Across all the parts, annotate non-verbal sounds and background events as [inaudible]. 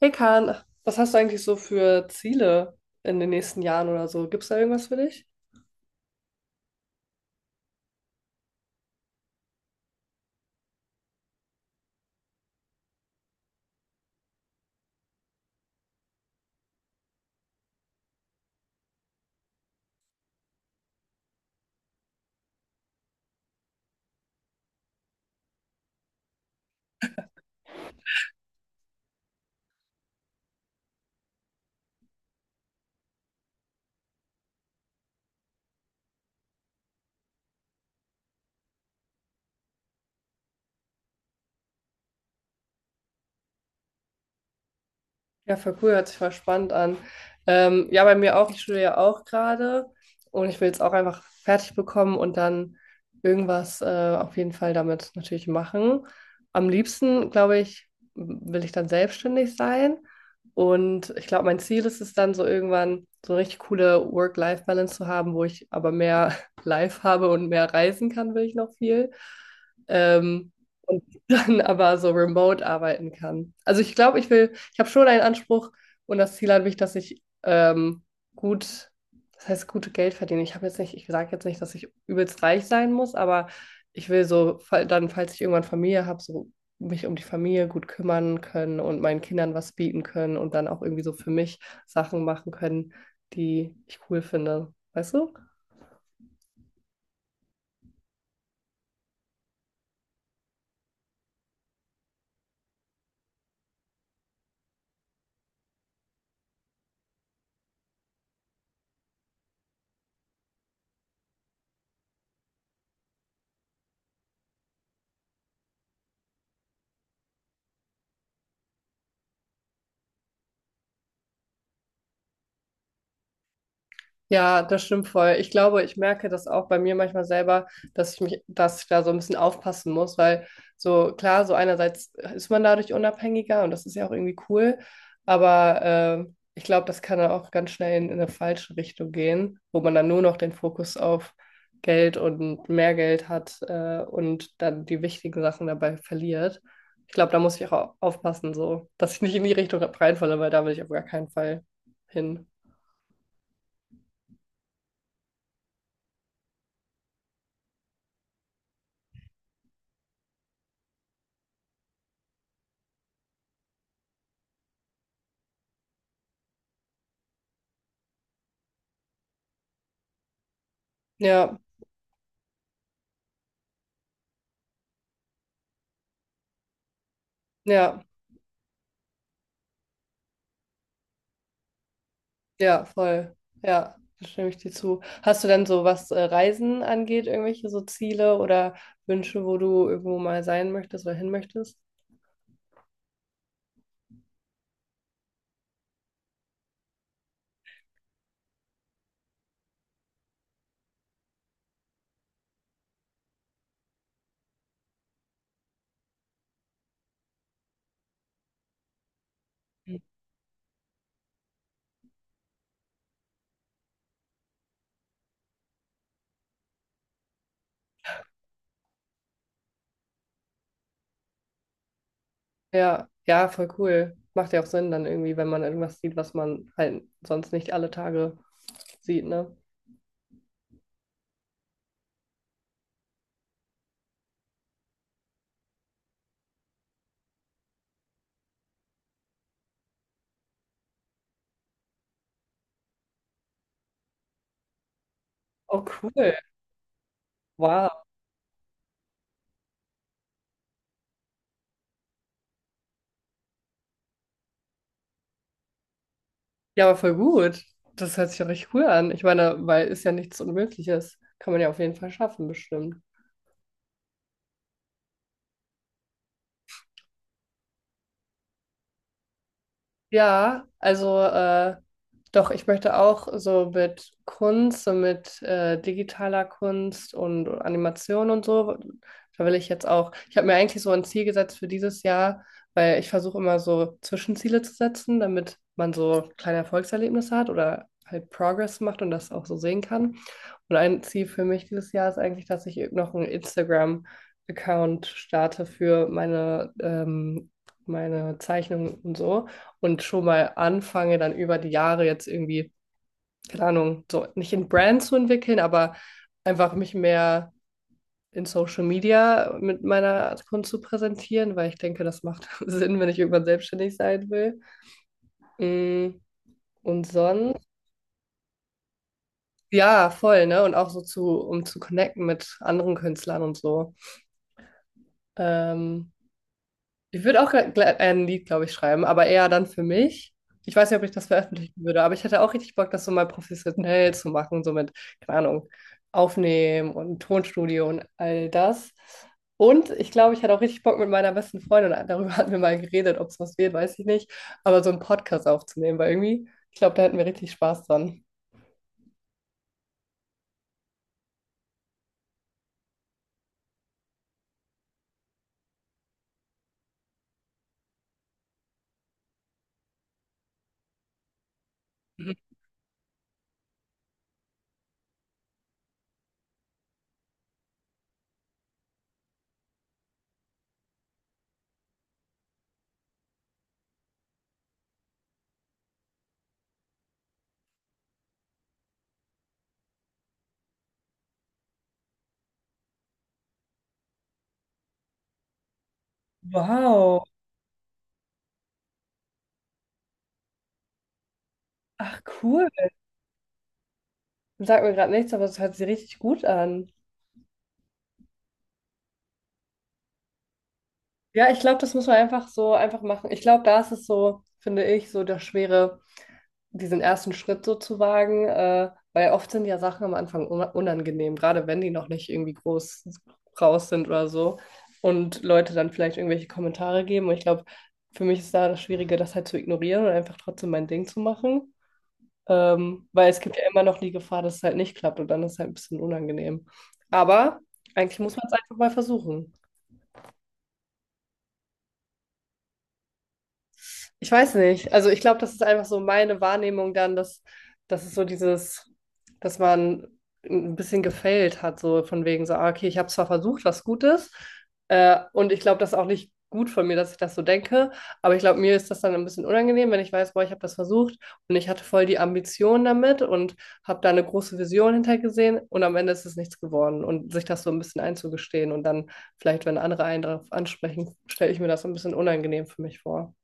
Hey Kahn, was hast du eigentlich so für Ziele in den nächsten Jahren oder so? Gibt es da irgendwas für dich? Ja, voll cool, hört sich voll spannend an. Ja, bei mir auch, ich studiere ja auch gerade und ich will jetzt auch einfach fertig bekommen und dann irgendwas auf jeden Fall damit natürlich machen. Am liebsten, glaube ich, will ich dann selbstständig sein, und ich glaube, mein Ziel ist es dann so irgendwann so eine richtig coole Work-Life-Balance zu haben, wo ich aber mehr [laughs] Life habe und mehr reisen kann, will ich noch viel. Ähm, und [laughs] dann aber so remote arbeiten kann. Also ich glaube, ich habe schon einen Anspruch und das Ziel an mich, dass ich gut, das heißt, gute Geld verdiene. Ich habe jetzt nicht, ich sage jetzt nicht, dass ich übelst reich sein muss, aber ich will so, dann, falls ich irgendwann Familie habe, so mich um die Familie gut kümmern können und meinen Kindern was bieten können und dann auch irgendwie so für mich Sachen machen können, die ich cool finde. Weißt du? Ja, das stimmt voll. Ich glaube, ich merke das auch bei mir manchmal selber, dass ich da so ein bisschen aufpassen muss, weil so klar, so einerseits ist man dadurch unabhängiger und das ist ja auch irgendwie cool, aber ich glaube, das kann dann auch ganz schnell in eine falsche Richtung gehen, wo man dann nur noch den Fokus auf Geld und mehr Geld hat, und dann die wichtigen Sachen dabei verliert. Ich glaube, da muss ich auch aufpassen, so, dass ich nicht in die Richtung reinfalle, weil da will ich auf gar keinen Fall hin. Ja, ja. Ja, voll. Ja, da stimme ich dir zu. Hast du denn so, was Reisen angeht, irgendwelche so Ziele oder Wünsche, wo du irgendwo mal sein möchtest oder hin möchtest? Ja, ja, voll cool. Macht ja auch Sinn dann irgendwie, wenn man irgendwas sieht, was man halt sonst nicht alle Tage sieht, ne? Oh, cool. Wow. Ja, aber voll gut. Das hört sich ja richtig cool an. Ich meine, weil ist ja nichts Unmögliches. Kann man ja auf jeden Fall schaffen, bestimmt. Ja, also doch, ich möchte auch so mit Kunst, so mit digitaler Kunst und Animation und so, da will ich jetzt auch, ich habe mir eigentlich so ein Ziel gesetzt für dieses Jahr, weil ich versuche immer so Zwischenziele zu setzen, damit man so kleine Erfolgserlebnisse hat oder halt Progress macht und das auch so sehen kann. Und ein Ziel für mich dieses Jahr ist eigentlich, dass ich noch einen Instagram-Account starte für meine, meine Zeichnungen und so, und schon mal anfange, dann über die Jahre jetzt irgendwie, keine Ahnung, so nicht in Brand zu entwickeln, aber einfach mich mehr in Social Media mit meiner Kunst zu präsentieren, weil ich denke, das macht [laughs] Sinn, wenn ich irgendwann selbstständig sein will. Mm, und sonst, ja, voll, ne? Und auch so zu, um zu connecten mit anderen Künstlern und so. Ähm, Ich würde auch ein Lied, glaube ich, schreiben, aber eher dann für mich. Ich weiß nicht, ob ich das veröffentlichen würde, aber ich hätte auch richtig Bock, das so mal professionell zu machen, so mit, keine Ahnung, Aufnehmen und Tonstudio und all das. Und ich glaube, ich hätte auch richtig Bock mit meiner besten Freundin, darüber [laughs] hatten wir mal geredet, ob es was wird, weiß ich nicht, aber so einen Podcast aufzunehmen, weil irgendwie, ich glaube, da hätten wir richtig Spaß dran. Wow. Ach, cool. Sagt mir gerade nichts, aber es hört sich richtig gut an. Ja, ich glaube, das muss man einfach so einfach machen. Ich glaube, da ist es so, finde ich, so der Schwere, diesen ersten Schritt so zu wagen, weil oft sind ja Sachen am Anfang unangenehm, gerade wenn die noch nicht irgendwie groß raus sind oder so, und Leute dann vielleicht irgendwelche Kommentare geben. Und ich glaube, für mich ist da das Schwierige, das halt zu ignorieren und einfach trotzdem mein Ding zu machen, weil es gibt ja immer noch die Gefahr, dass es halt nicht klappt und dann ist es halt ein bisschen unangenehm. Aber eigentlich muss man es einfach mal versuchen. Ich weiß nicht. Also ich glaube, das ist einfach so meine Wahrnehmung dann, dass es so dieses, dass man ein bisschen gefailt hat, so von wegen so, ah, okay, ich habe zwar versucht, was Gutes, und ich glaube, das ist auch nicht gut von mir, dass ich das so denke, aber ich glaube, mir ist das dann ein bisschen unangenehm, wenn ich weiß, boah, ich habe das versucht und ich hatte voll die Ambition damit und habe da eine große Vision hintergesehen und am Ende ist es nichts geworden, und sich das so ein bisschen einzugestehen und dann vielleicht, wenn andere einen darauf ansprechen, stelle ich mir das so ein bisschen unangenehm für mich vor.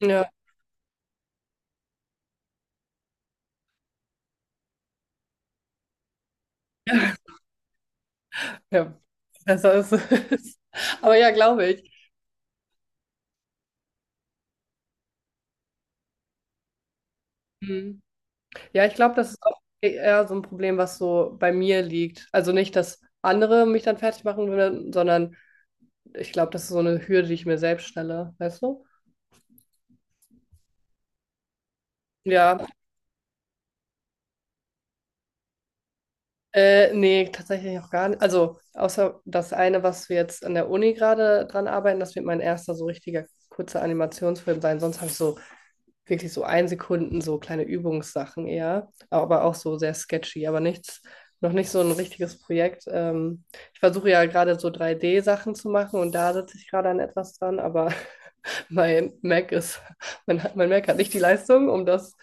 Ja. [laughs] Ja, besser ist es. [laughs] Aber ja, glaube ich. Mhm. Ja, ich glaube, das ist auch eher so ein Problem, was so bei mir liegt. Also nicht, dass andere mich dann fertig machen würden, sondern ich glaube, das ist so eine Hürde, die ich mir selbst stelle, weißt du? Ja, nee, tatsächlich auch gar nicht. Also, außer das eine, was wir jetzt an der Uni gerade dran arbeiten, das wird mein erster so richtiger kurzer Animationsfilm sein. Sonst habe ich so wirklich so ein Sekunden, so kleine Übungssachen eher, aber auch so sehr sketchy, aber nichts, noch nicht so ein richtiges Projekt. Ich versuche ja gerade so 3D-Sachen zu machen und da sitze ich gerade an etwas dran, aber [laughs] mein Mac ist, mein Mac hat nicht die Leistung, um das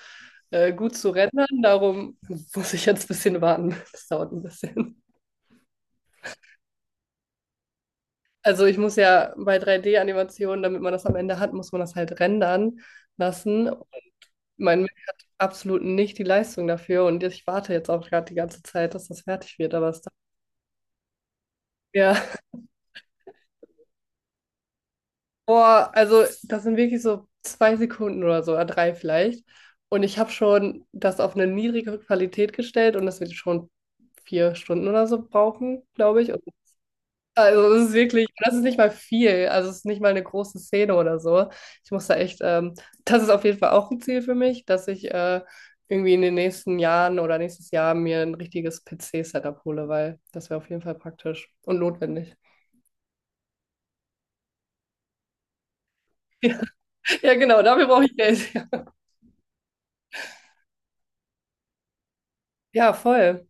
gut zu rendern. Darum muss ich jetzt ein bisschen warten. [laughs] Das dauert ein bisschen. Also ich muss ja bei 3D-Animationen, damit man das am Ende hat, muss man das halt rendern lassen. Mein Mac hat absolut nicht die Leistung dafür und ich warte jetzt auch gerade die ganze Zeit, dass das fertig wird, aber es dauert. Ja, [laughs] boah, also das sind wirklich so zwei Sekunden oder so, oder drei vielleicht. Und ich habe schon das auf eine niedrige Qualität gestellt und das wird schon vier Stunden oder so brauchen, glaube ich. Und also es ist wirklich, das ist nicht mal viel, also es ist nicht mal eine große Szene oder so. Ich muss da echt, das ist auf jeden Fall auch ein Ziel für mich, dass ich irgendwie in den nächsten Jahren oder nächstes Jahr mir ein richtiges PC-Setup hole, weil das wäre auf jeden Fall praktisch und notwendig. [laughs] Ja, genau, dafür brauche ich Geld. [laughs] Ja, voll.